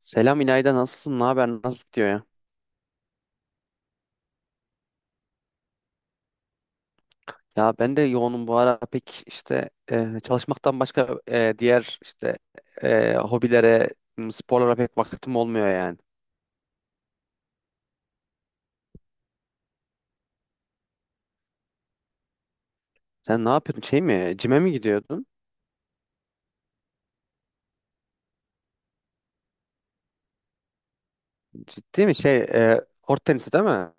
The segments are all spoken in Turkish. Selam İlayda, nasılsın? Ne haber? Nasıl gidiyor ya? Ya ben de yoğunum bu ara pek çalışmaktan başka diğer hobilere, sporlara pek vaktim olmuyor yani. Sen ne yapıyordun? Şey mi? Cime mi gidiyordun? Ciddi mi? Kort tenisi değil mi?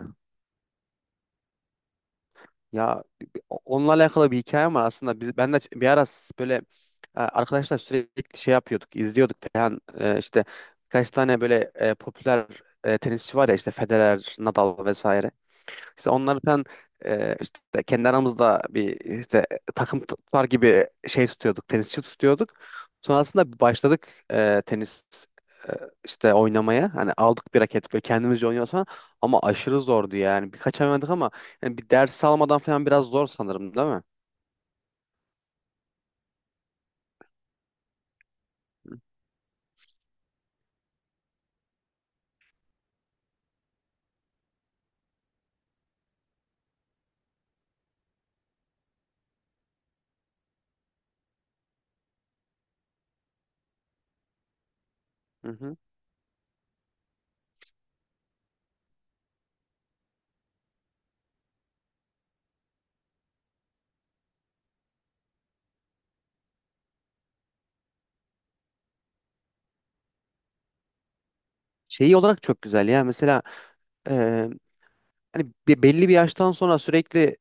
Ya onunla alakalı bir hikayem var aslında. Ben de bir ara böyle arkadaşlar sürekli şey yapıyorduk, izliyorduk falan. İşte birkaç tane popüler tenisçi var ya, işte Federer, Nadal vesaire. İşte onları ben, işte kendi aramızda bir işte takım tutar gibi şey tutuyorduk, tenisçi tutuyorduk. Sonrasında başladık tenis e, işte oynamaya. Hani aldık bir raket, böyle kendimizce oynuyoruz falan. Ama aşırı zordu yani. Birkaç ay oynadık ama yani bir ders almadan falan biraz zor sanırım, değil mi? Hı hı. Hı. Şeyi olarak çok güzel ya. Mesela e, hani belli bir yaştan sonra sürekli,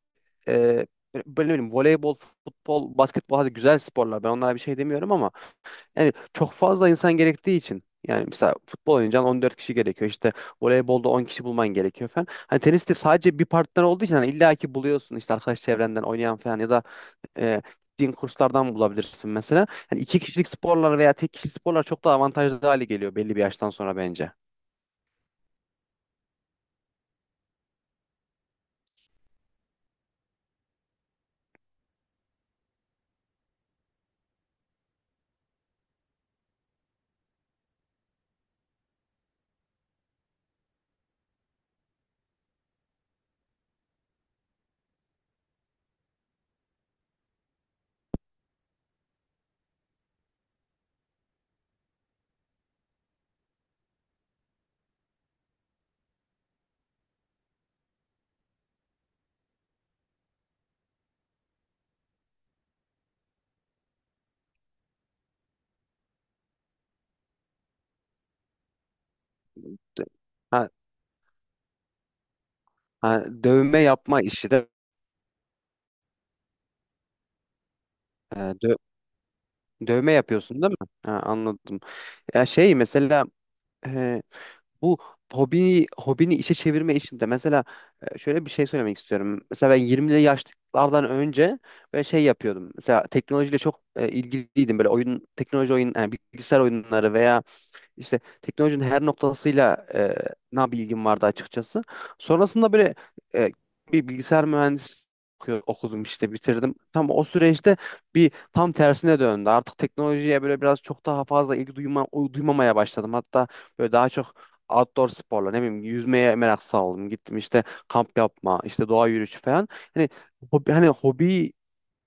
e, böyle ne bileyim voleybol, futbol, basketbol, hadi güzel sporlar. Ben onlara bir şey demiyorum ama yani çok fazla insan gerektiği için, yani mesela futbol oynayacaksın, 14 kişi gerekiyor. İşte voleybolda 10 kişi bulman gerekiyor falan. Hani teniste sadece bir partner olduğu için hani illa ki buluyorsun, işte arkadaş çevrenden oynayan falan ya da e, gittiğin kurslardan bulabilirsin mesela. Hani iki kişilik sporlar veya tek kişilik sporlar çok daha avantajlı hale geliyor belli bir yaştan sonra bence. Ha. Ha, dövme yapma işi de, e, dö- dövme yapıyorsun değil mi? Ha, anladım. Ya şey, mesela e, bu hobini işe çevirme işinde mesela, şöyle bir şey söylemek istiyorum. Mesela ben 20'li yaşlardan önce böyle şey yapıyordum. Mesela teknolojiyle çok ilgiliydim. Böyle oyun, yani bilgisayar oyunları veya işte teknolojinin her noktasıyla na bilgim vardı açıkçası. Sonrasında e, bir bilgisayar mühendisi okudum, işte bitirdim. Tam o süreçte tam tersine döndü. Artık teknolojiye böyle biraz çok daha fazla duymamaya başladım. Hatta böyle daha çok outdoor sporla, ne bileyim, yüzmeye merak saldım. Gittim işte kamp yapma, işte doğa yürüyüşü falan. Hani hani hobi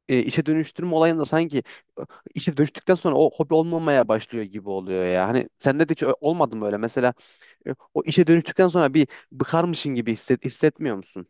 işe dönüştürme olayında sanki e, işe dönüştükten sonra o hobi olmamaya başlıyor gibi oluyor ya. Hani sende de hiç olmadı mı öyle? Mesela o işe dönüştükten sonra bir bıkarmışın gibi hissetmiyor musun?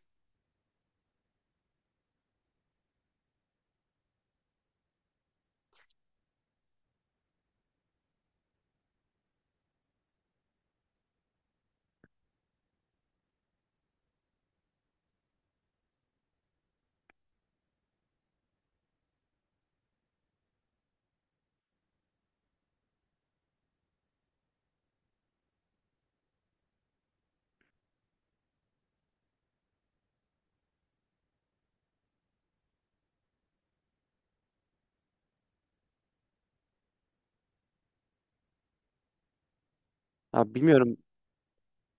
Ha, bilmiyorum.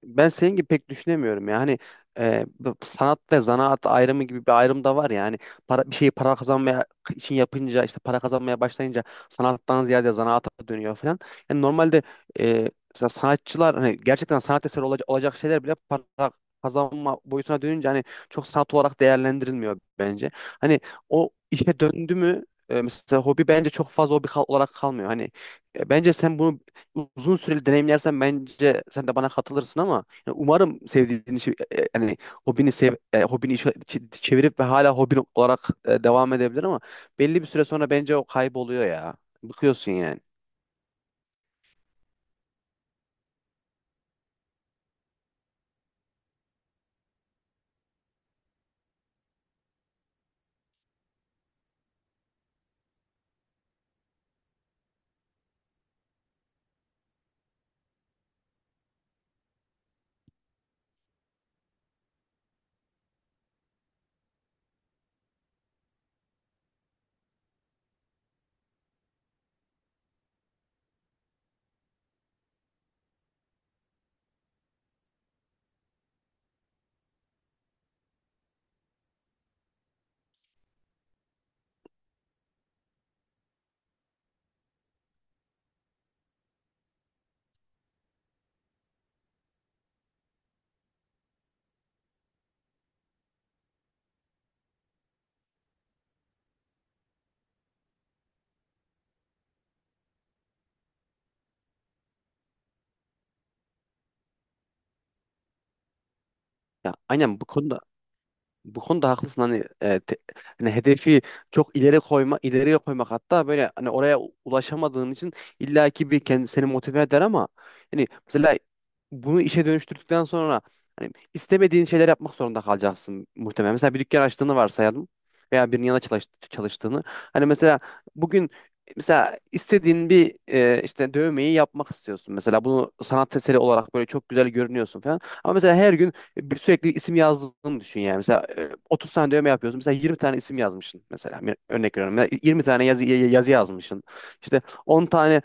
Ben senin gibi pek düşünemiyorum ya. Hani bu sanat ve zanaat ayrımı gibi bir ayrım da var ya. Hani bir şeyi para kazanmaya için yapınca, işte para kazanmaya başlayınca sanattan ziyade zanaata dönüyor falan. Yani normalde e, mesela sanatçılar, hani gerçekten sanat eseri olacak şeyler bile para kazanma boyutuna dönünce hani çok sanat olarak değerlendirilmiyor bence. Hani o işe döndü mü mesela hobi bence çok fazla olarak kalmıyor. Hani bence sen bunu uzun süreli deneyimlersen bence sen de bana katılırsın ama yani umarım sevdiğin işi, yani hobini sev hobini işe çevirip ve hala hobin olarak devam edebilir ama belli bir süre sonra bence o kayboluyor ya. Bıkıyorsun yani. Ya aynen, bu konuda, bu konuda haklısın. Hani hedefi çok ileri koyma ileriye koymak, hatta böyle hani oraya ulaşamadığın için illaki bir kendi seni motive eder ama hani mesela bunu işe dönüştürdükten sonra hani istemediğin şeyler yapmak zorunda kalacaksın muhtemelen. Mesela bir dükkan açtığını varsayalım veya birinin yanında çalıştığını. Hani mesela bugün mesela istediğin bir, işte dövmeyi yapmak istiyorsun. Mesela bunu sanat eseri olarak böyle çok güzel görünüyorsun falan. Ama mesela her gün sürekli isim yazdığını düşün yani. Mesela 30 tane dövme yapıyorsun. Mesela 20 tane isim yazmışsın mesela. Bir örnek veriyorum. Ya 20 tane yazı yazmışsın. İşte 10 tane,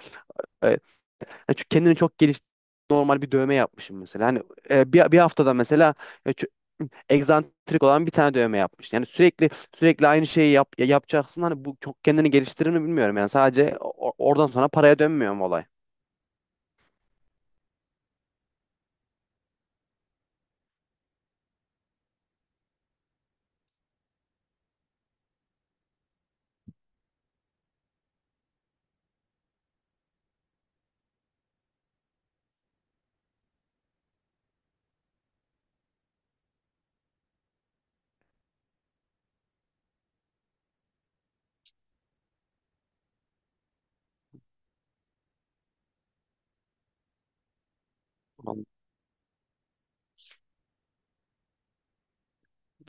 e, hani şu kendini çok geliş normal bir dövme yapmışım mesela. Hani bir haftada mesela e, çö- egzantrik olan bir tane dövme yapmış. Yani sürekli aynı şeyi yapacaksın. Hani bu çok kendini geliştirir mi bilmiyorum. Yani sadece oradan sonra paraya dönmüyor mu olay?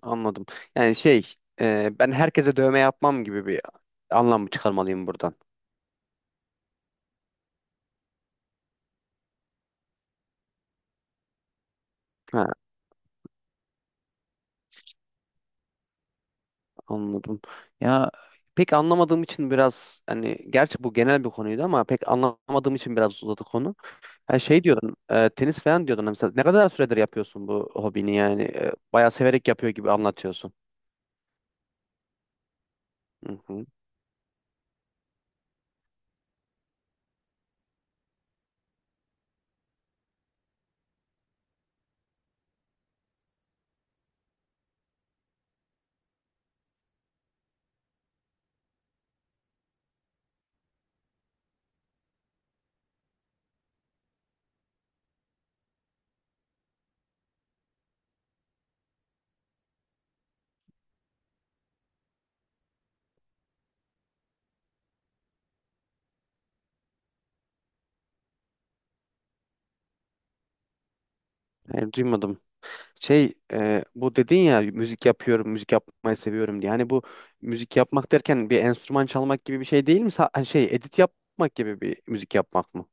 Anladım. Yani şey, ben herkese dövme yapmam gibi bir anlam mı çıkarmalıyım buradan? Ha, anladım. Ya pek anlamadığım için biraz, hani gerçi bu genel bir konuydu ama pek anlamadığım için biraz uzadı konu. Ha, şey diyordun, tenis falan diyordun mesela. Ne kadar süredir yapıyorsun bu hobini yani? E, bayağı severek yapıyor gibi anlatıyorsun. Hı hı. Hayır, duymadım. Şey, bu dedin ya, müzik yapıyorum, müzik yapmayı seviyorum diye. Hani bu müzik yapmak derken bir enstrüman çalmak gibi bir şey değil mi? Hani şey, edit yapmak gibi bir müzik yapmak mı?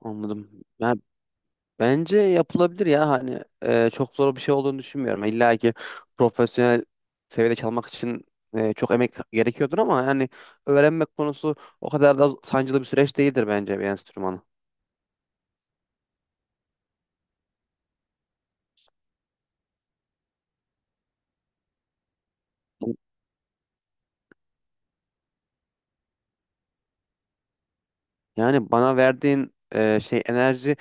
Anladım. Ya, bence yapılabilir ya, hani çok zor bir şey olduğunu düşünmüyorum. İlla ki profesyonel seviyede çalmak için çok emek gerekiyordur ama yani öğrenmek konusu o kadar da sancılı bir süreç değildir bence, bir enstrümanı. Yani bana verdiğin enerji,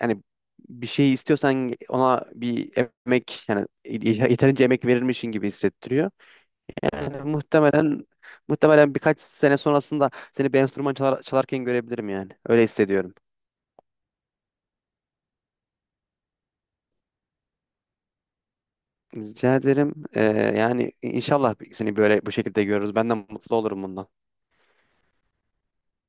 yani bir şeyi istiyorsan ona bir emek yani yeterince emek verilmişin gibi hissettiriyor. Yani muhtemelen birkaç sene sonrasında seni bir enstrüman çalarken görebilirim yani. Öyle hissediyorum. Rica ederim. Yani inşallah seni böyle bu şekilde görürüz. Ben de mutlu olurum bundan.